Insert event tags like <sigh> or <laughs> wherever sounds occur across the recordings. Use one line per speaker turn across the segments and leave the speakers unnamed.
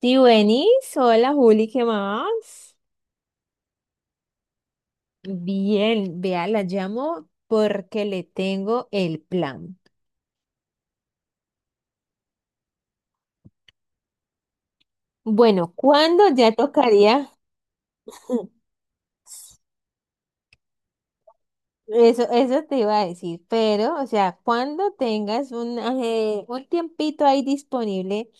Sí, buenis. Hola, Juli, ¿qué más? Bien, vea, la llamo porque le tengo el plan. Bueno, ¿cuándo ya tocaría? Eso te iba a decir, pero, o sea, cuando tengas un tiempito ahí disponible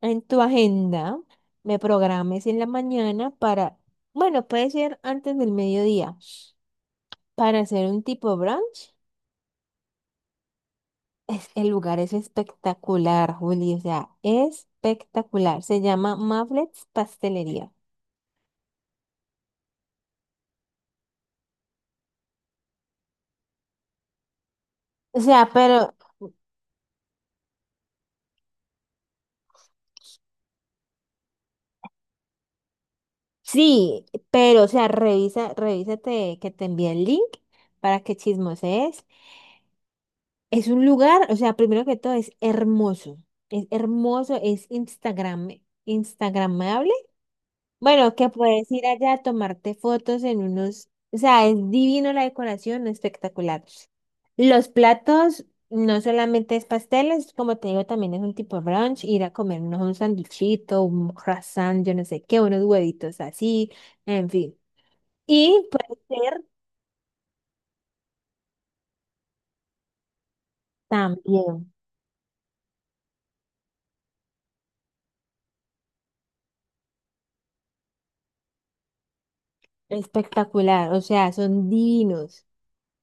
en tu agenda, me programes en la mañana para, bueno, puede ser antes del mediodía, para hacer un tipo brunch. El lugar es espectacular, Juli, o sea, espectacular. Se llama Maflets Pastelería. O sea, pero sí, pero o sea, revísate que te envié el link para que chismosees. Es un lugar, o sea, primero que todo es hermoso. Es hermoso, Instagramable. Bueno, que puedes ir allá a tomarte fotos en unos, o sea, es divino la decoración, espectacular. Los platos no solamente es pasteles, como te digo, también es un tipo brunch, ir a comernos un sanduchito, un croissant, yo no sé qué, unos huevitos así, en fin. Y puede ser también espectacular, o sea, son divinos.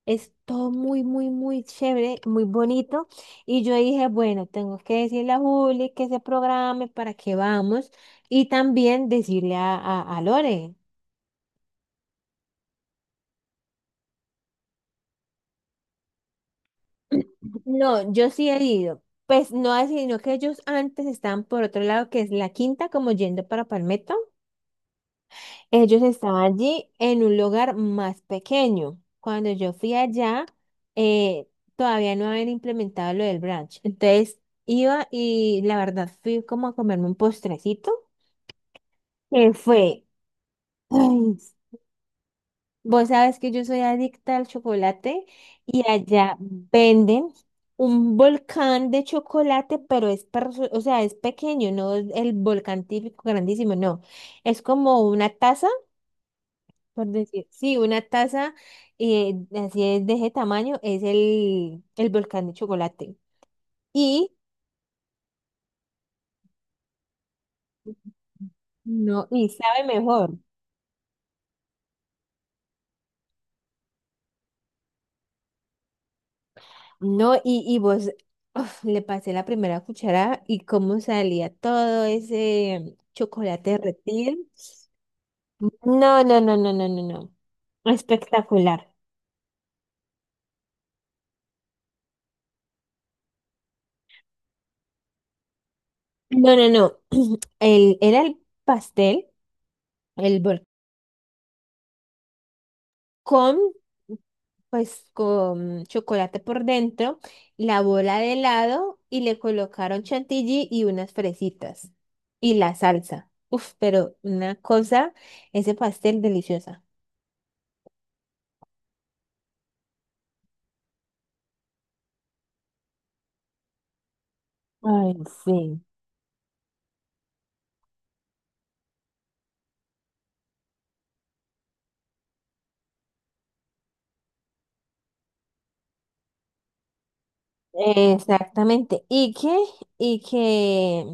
Es todo muy, muy, muy chévere, muy bonito. Y yo dije, bueno, tengo que decirle a Juli que se programe para que vamos y también decirle a Lore. No, yo sí he ido. Pues no, así, sino que ellos antes estaban por otro lado, que es la quinta, como yendo para Palmetto. Ellos estaban allí en un lugar más pequeño. Cuando yo fui allá, eh, todavía no habían implementado lo del brunch. Entonces iba y la verdad fui como a comerme un postrecito, que fue, <clears throat> ay, vos sabes que yo soy adicta al chocolate y allá venden un volcán de chocolate, pero o sea, es pequeño, no es el volcán típico grandísimo, no. Es como una taza. Por decir, sí, una taza así es de ese tamaño es el volcán de chocolate. Y no, y sabe mejor. No, y vos uf, le pasé la primera cucharada y cómo salía todo ese chocolate derretido. No, no, no, no, no, no, no. Espectacular. No, no, no. <clears throat> Era el pastel, el volcán. Pues con chocolate por dentro, la bola de helado y le colocaron chantilly y unas fresitas y la salsa. Uf, pero una cosa, ese pastel deliciosa. Ay, sí. Exactamente. ¿Y qué? ¿Y qué?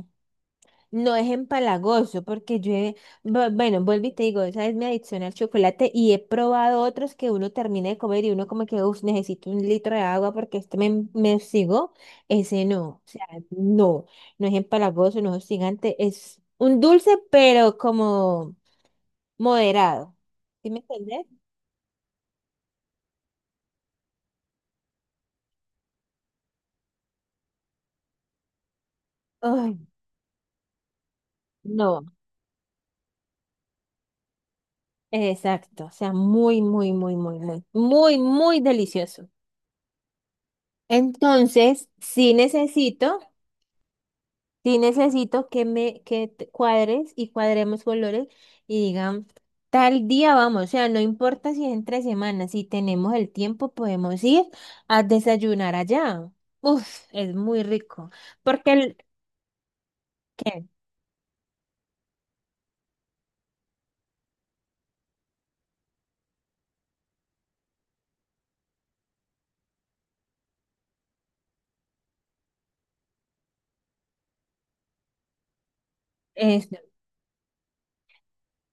No es empalagoso, porque yo, bueno, vuelvo y te digo, esa es mi adicción al chocolate y he probado otros que uno termina de comer y uno como que, uff, necesito un litro de agua porque este me hostigó. Ese no, o sea, no, no es empalagoso, no es hostigante, es un dulce, pero como moderado. ¿Sí me entendés? Ay, no, exacto, o sea, muy, muy, muy, muy, muy, muy, muy delicioso. Entonces, sí necesito. Sí necesito que te cuadres y cuadremos colores y digan, tal día vamos, o sea, no importa si es entre semanas, si tenemos el tiempo podemos ir a desayunar allá. Uf, es muy rico, porque el ¿qué? Es,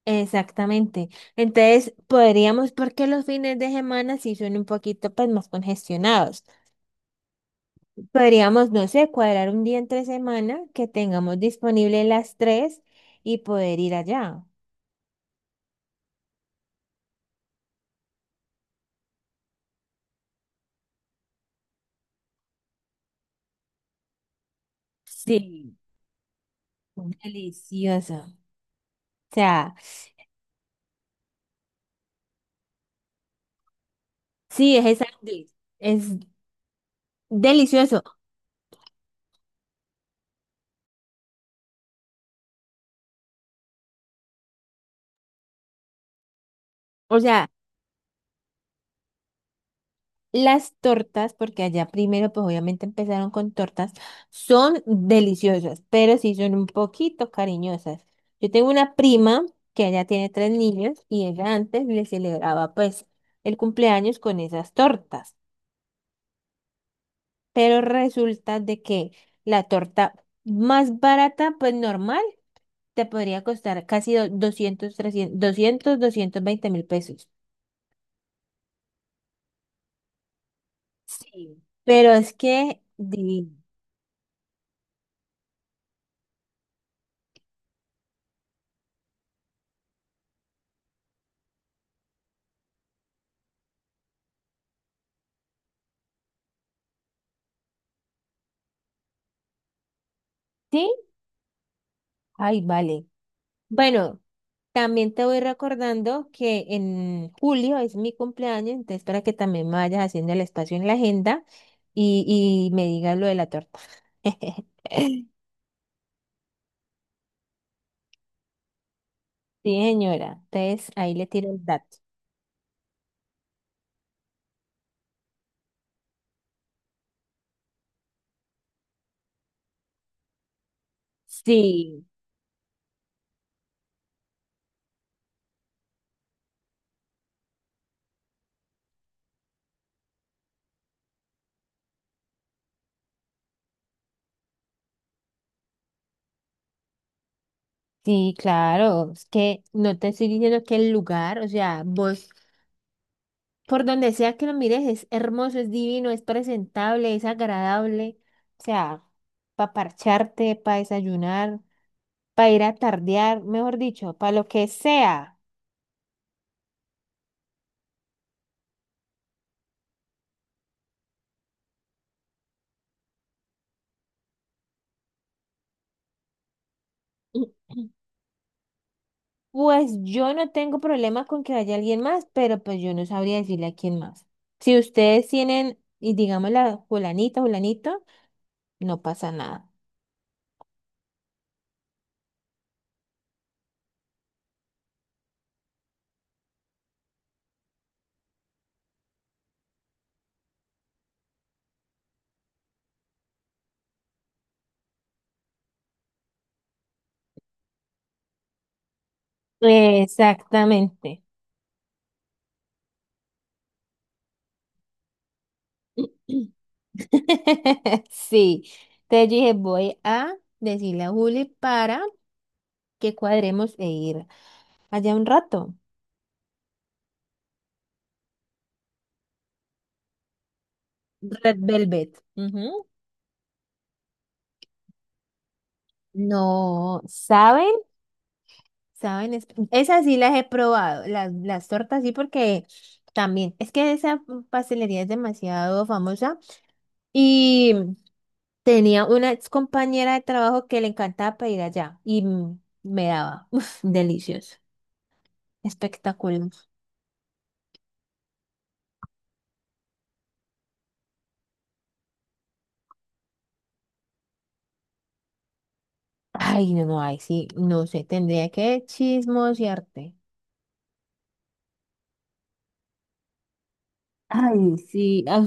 Exactamente. Entonces, podríamos, porque los fines de semana sí son un poquito pues más congestionados. Podríamos, no sé, cuadrar un día entre semana que tengamos disponible las tres y poder ir allá. Sí, delicioso. O sea, sí, es delicioso. O sea, las tortas, porque allá primero, pues obviamente empezaron con tortas, son deliciosas, pero sí son un poquito cariñosas. Yo tengo una prima que ella tiene tres niños y ella antes le celebraba pues el cumpleaños con esas tortas, pero resulta de que la torta más barata, pues normal. Te podría costar casi doscientos, trescientos 220.000 pesos. Sí. Pero es que, ¿sí? Ay, vale. Bueno, también te voy recordando que en julio es mi cumpleaños, entonces para que también me vayas haciendo el espacio en la agenda y me digas lo de la torta. <laughs> Sí, señora. Entonces ahí le tiro el dato. Sí. Sí, claro, es que no te estoy diciendo que el lugar, o sea, vos. Por donde sea que lo mires, es hermoso, es divino, es presentable, es agradable. O sea, para parcharte, para desayunar, para ir a tardear, mejor dicho, para lo que sea. <clears throat> Pues yo no tengo problema con que vaya alguien más, pero pues yo no sabría decirle a quién más. Si ustedes tienen, y digamos la fulanita, fulanito, no pasa nada. Exactamente. <clears throat> <laughs> Sí. Entonces yo dije, voy a decirle a Juli para que cuadremos e ir allá un rato. Red Velvet. Ujú. No, ¿saben? ¿Saben? Esas sí las he probado, las tortas sí, porque también, es que esa pastelería es demasiado famosa y tenía una ex compañera de trabajo que le encantaba pedir allá y me daba, uf, delicioso, espectacular. Ay, no, no, ay, sí, no sé, tendría que chismosearte. Ay, sí. Ay,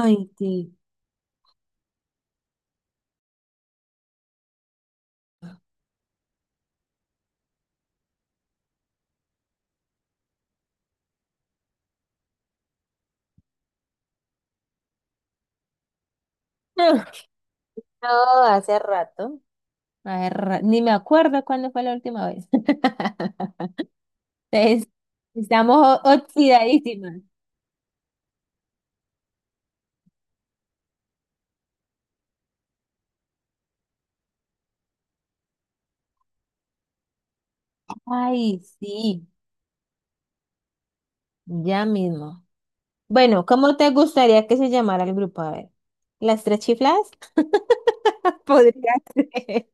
ay, sí. <laughs> No, hace rato. Ni me acuerdo cuándo fue la última vez. <laughs> Entonces, estamos oxidadísimas. Ay, sí, ya mismo. Bueno, ¿cómo te gustaría que se llamara el grupo? A ver, ¿las tres chiflas? <laughs> Podría ser.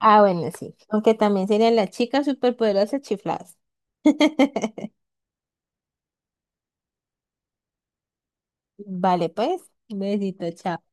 Ah, bueno, sí. Aunque también serían las chicas superpoderosas chifladas. <laughs> Vale, pues. Un besito, chao.